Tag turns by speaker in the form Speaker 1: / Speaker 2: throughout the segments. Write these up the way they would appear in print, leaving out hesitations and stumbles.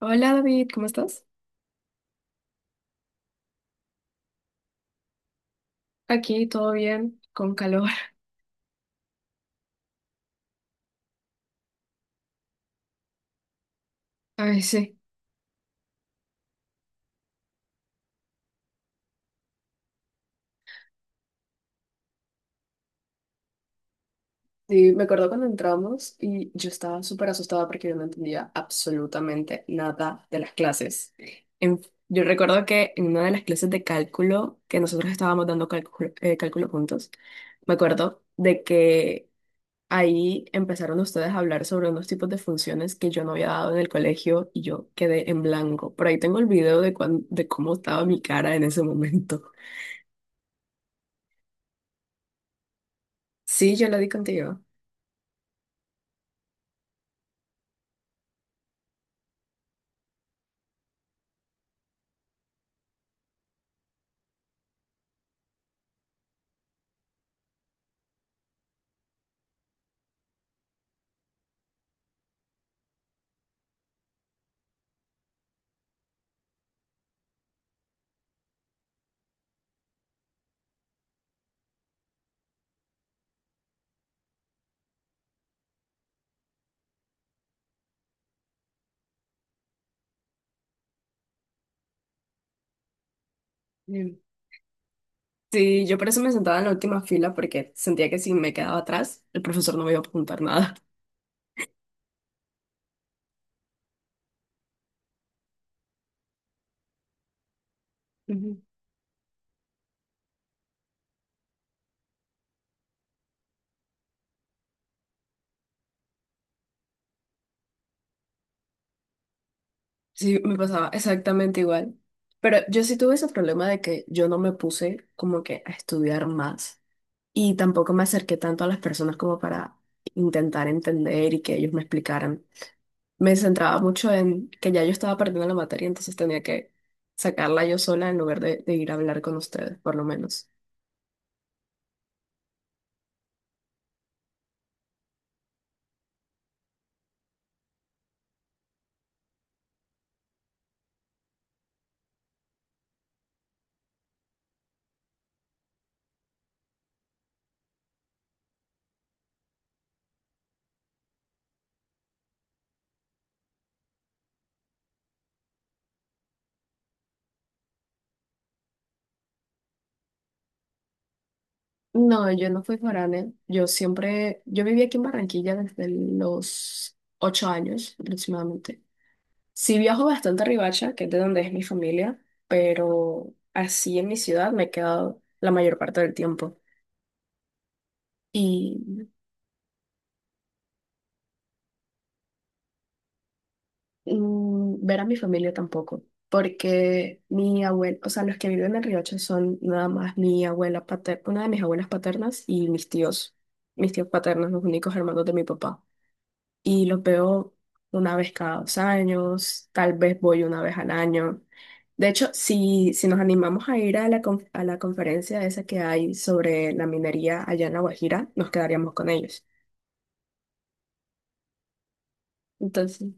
Speaker 1: Hola David, ¿cómo estás? Aquí todo bien, con calor. Ay, sí. Y me acuerdo cuando entramos y yo estaba súper asustada porque yo no entendía absolutamente nada de las clases. En- yo recuerdo que en una de las clases de cálculo, que nosotros estábamos dando cálculo, cálculo juntos, me acuerdo de que ahí empezaron ustedes a hablar sobre unos tipos de funciones que yo no había dado en el colegio y yo quedé en blanco. Por ahí tengo el video de, de cómo estaba mi cara en ese momento. Sí, yo lo di contigo. Mm. Sí, yo por eso me sentaba en la última fila porque sentía que si me quedaba atrás, el profesor no me iba a preguntar nada. Ujú. Sí, me pasaba exactamente igual. Pero yo sí tuve ese problema de que yo no me puse como que a estudiar más y tampoco me acerqué tanto a las personas como para intentar entender y que ellos me explicaran. Me centraba mucho en que ya yo estaba perdiendo la materia, entonces tenía que sacarla yo sola en lugar de ir a hablar con ustedes, por lo menos. No, yo no fui foránea. Yo siempre, yo viví aquí en Barranquilla desde los 8 años aproximadamente. Sí viajo bastante a Riohacha, que es de donde es mi familia, pero así en mi ciudad me he quedado la mayor parte del tiempo. Y ver a mi familia tampoco, porque mi abuela, o sea, los que viven en Riohacha son nada más mi abuela paterna, una de mis abuelas paternas y mis tíos paternos, los únicos hermanos de mi papá, y los veo una vez cada dos años, tal vez voy una vez al año. De hecho, si nos animamos a ir a la, a la conferencia esa que hay sobre la minería allá en La Guajira, nos quedaríamos con ellos. Entonces,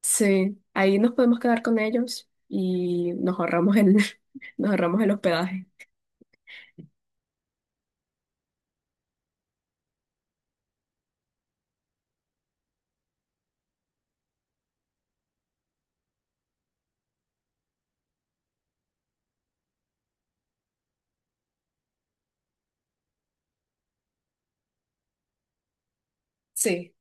Speaker 1: sí, ahí nos podemos quedar con ellos y nos ahorramos nos ahorramos el hospedaje. Sí,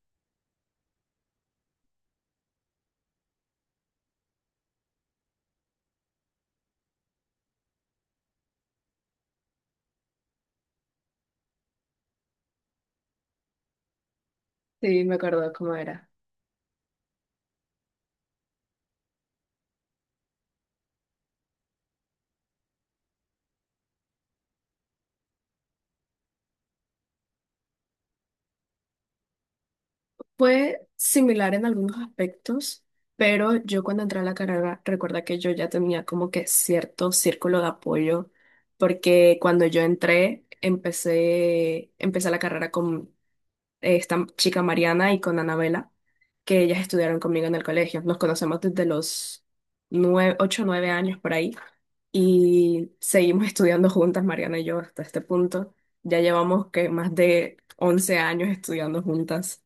Speaker 1: sí, me acuerdo cómo era. Fue similar en algunos aspectos, pero yo cuando entré a la carrera, recuerda que yo ya tenía como que cierto círculo de apoyo, porque cuando yo entré, empecé la carrera con esta chica Mariana y con Anabela, que ellas estudiaron conmigo en el colegio. Nos conocemos desde los nueve, ocho o nueve años por ahí y seguimos estudiando juntas, Mariana y yo, hasta este punto. Ya llevamos que más de 11 años estudiando juntas.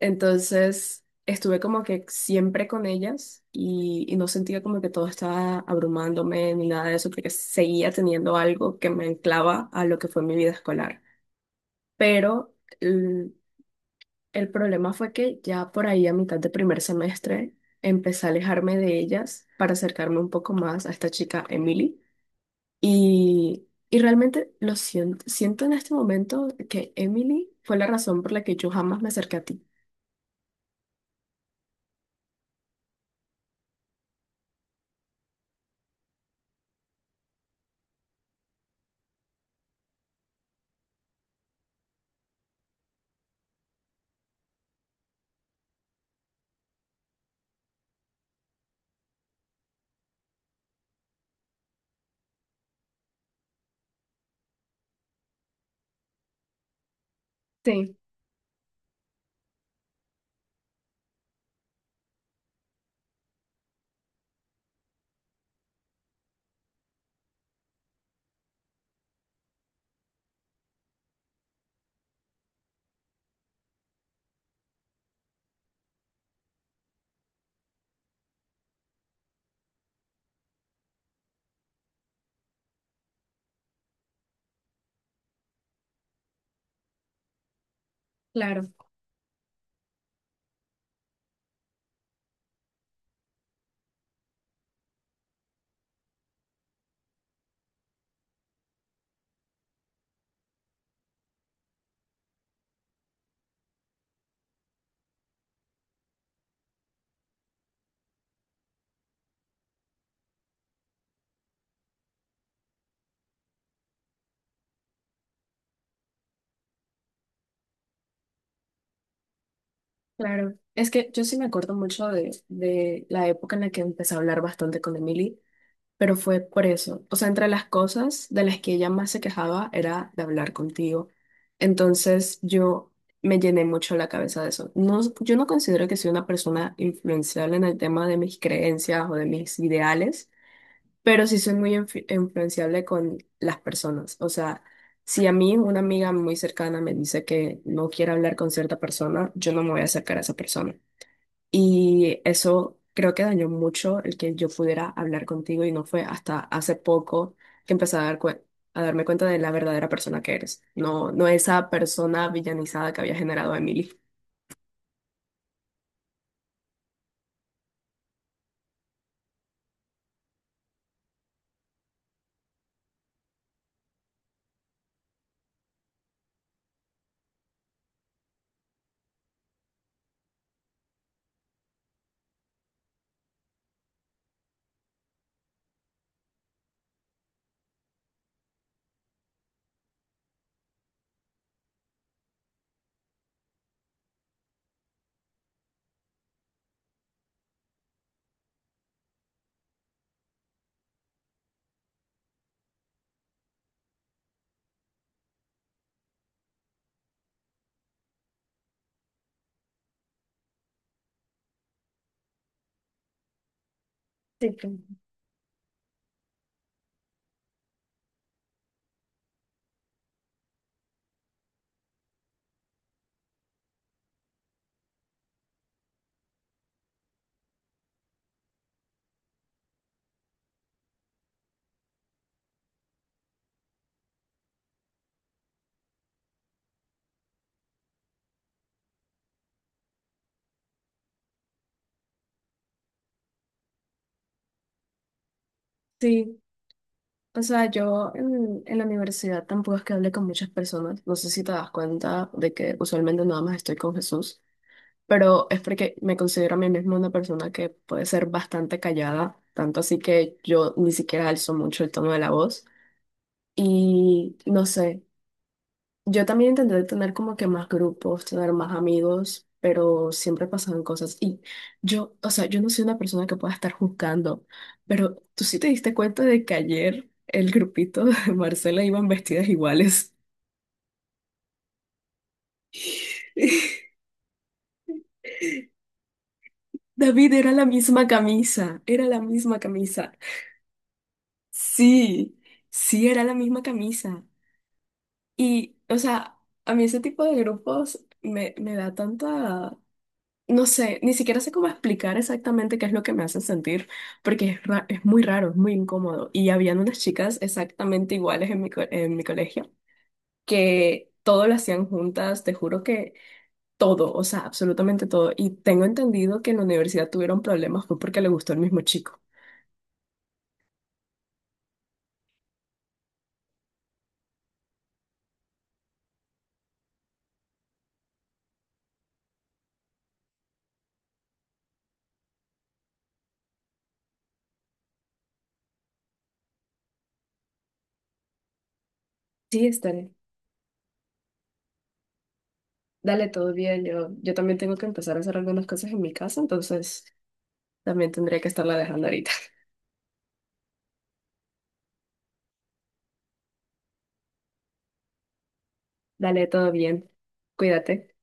Speaker 1: Entonces estuve como que siempre con ellas y no sentía como que todo estaba abrumándome ni nada de eso, porque seguía teniendo algo que me anclaba a lo que fue mi vida escolar. Pero el, el problema fue que ya por ahí a mitad de primer semestre empecé a alejarme de ellas para acercarme un poco más a esta chica Emily. Y realmente lo siento, siento en este momento que Emily fue la razón por la que yo jamás me acerqué a ti. Sí, claro. Claro, es que yo sí me acuerdo mucho de la época en la que empecé a hablar bastante con Emily, pero fue por eso. O sea, entre las cosas de las que ella más se quejaba era de hablar contigo. Entonces yo me llené mucho la cabeza de eso. No, yo no considero que soy una persona influenciable en el tema de mis creencias o de mis ideales, pero sí soy muy influenciable con las personas. O sea, si a mí una amiga muy cercana me dice que no quiere hablar con cierta persona, yo no me voy a acercar a esa persona. Y eso creo que dañó mucho el que yo pudiera hablar contigo y no fue hasta hace poco que empecé a a darme cuenta de la verdadera persona que eres, no, no esa persona villanizada que había generado Emily. Sí, claro. Sí, o sea, yo en la universidad tampoco es que hable con muchas personas. No sé si te das cuenta de que usualmente nada más estoy con Jesús, pero es porque me considero a mí misma una persona que puede ser bastante callada, tanto así que yo ni siquiera alzo mucho el tono de la voz. Y no sé, yo también intenté tener como que más grupos, tener más amigos, pero siempre pasaban cosas. Y yo, o sea, yo no soy una persona que pueda estar juzgando, pero tú sí te diste cuenta de que ayer el grupito de Marcela iban vestidas iguales. David, era la misma camisa, era la misma camisa. Sí, sí, era la misma camisa. Y, o sea, a mí ese tipo de grupos me da tanta. No sé, ni siquiera sé cómo explicar exactamente qué es lo que me hace sentir, porque es muy raro, es muy incómodo. Y habían unas chicas exactamente iguales en en mi colegio, que todo lo hacían juntas, te juro que todo, o sea, absolutamente todo. Y tengo entendido que en la universidad tuvieron problemas, fue porque le gustó el mismo chico. Sí, Esther, dale todo bien. Yo también tengo que empezar a hacer algunas cosas en mi casa, entonces también tendría que estarla dejando ahorita. Dale todo bien, cuídate.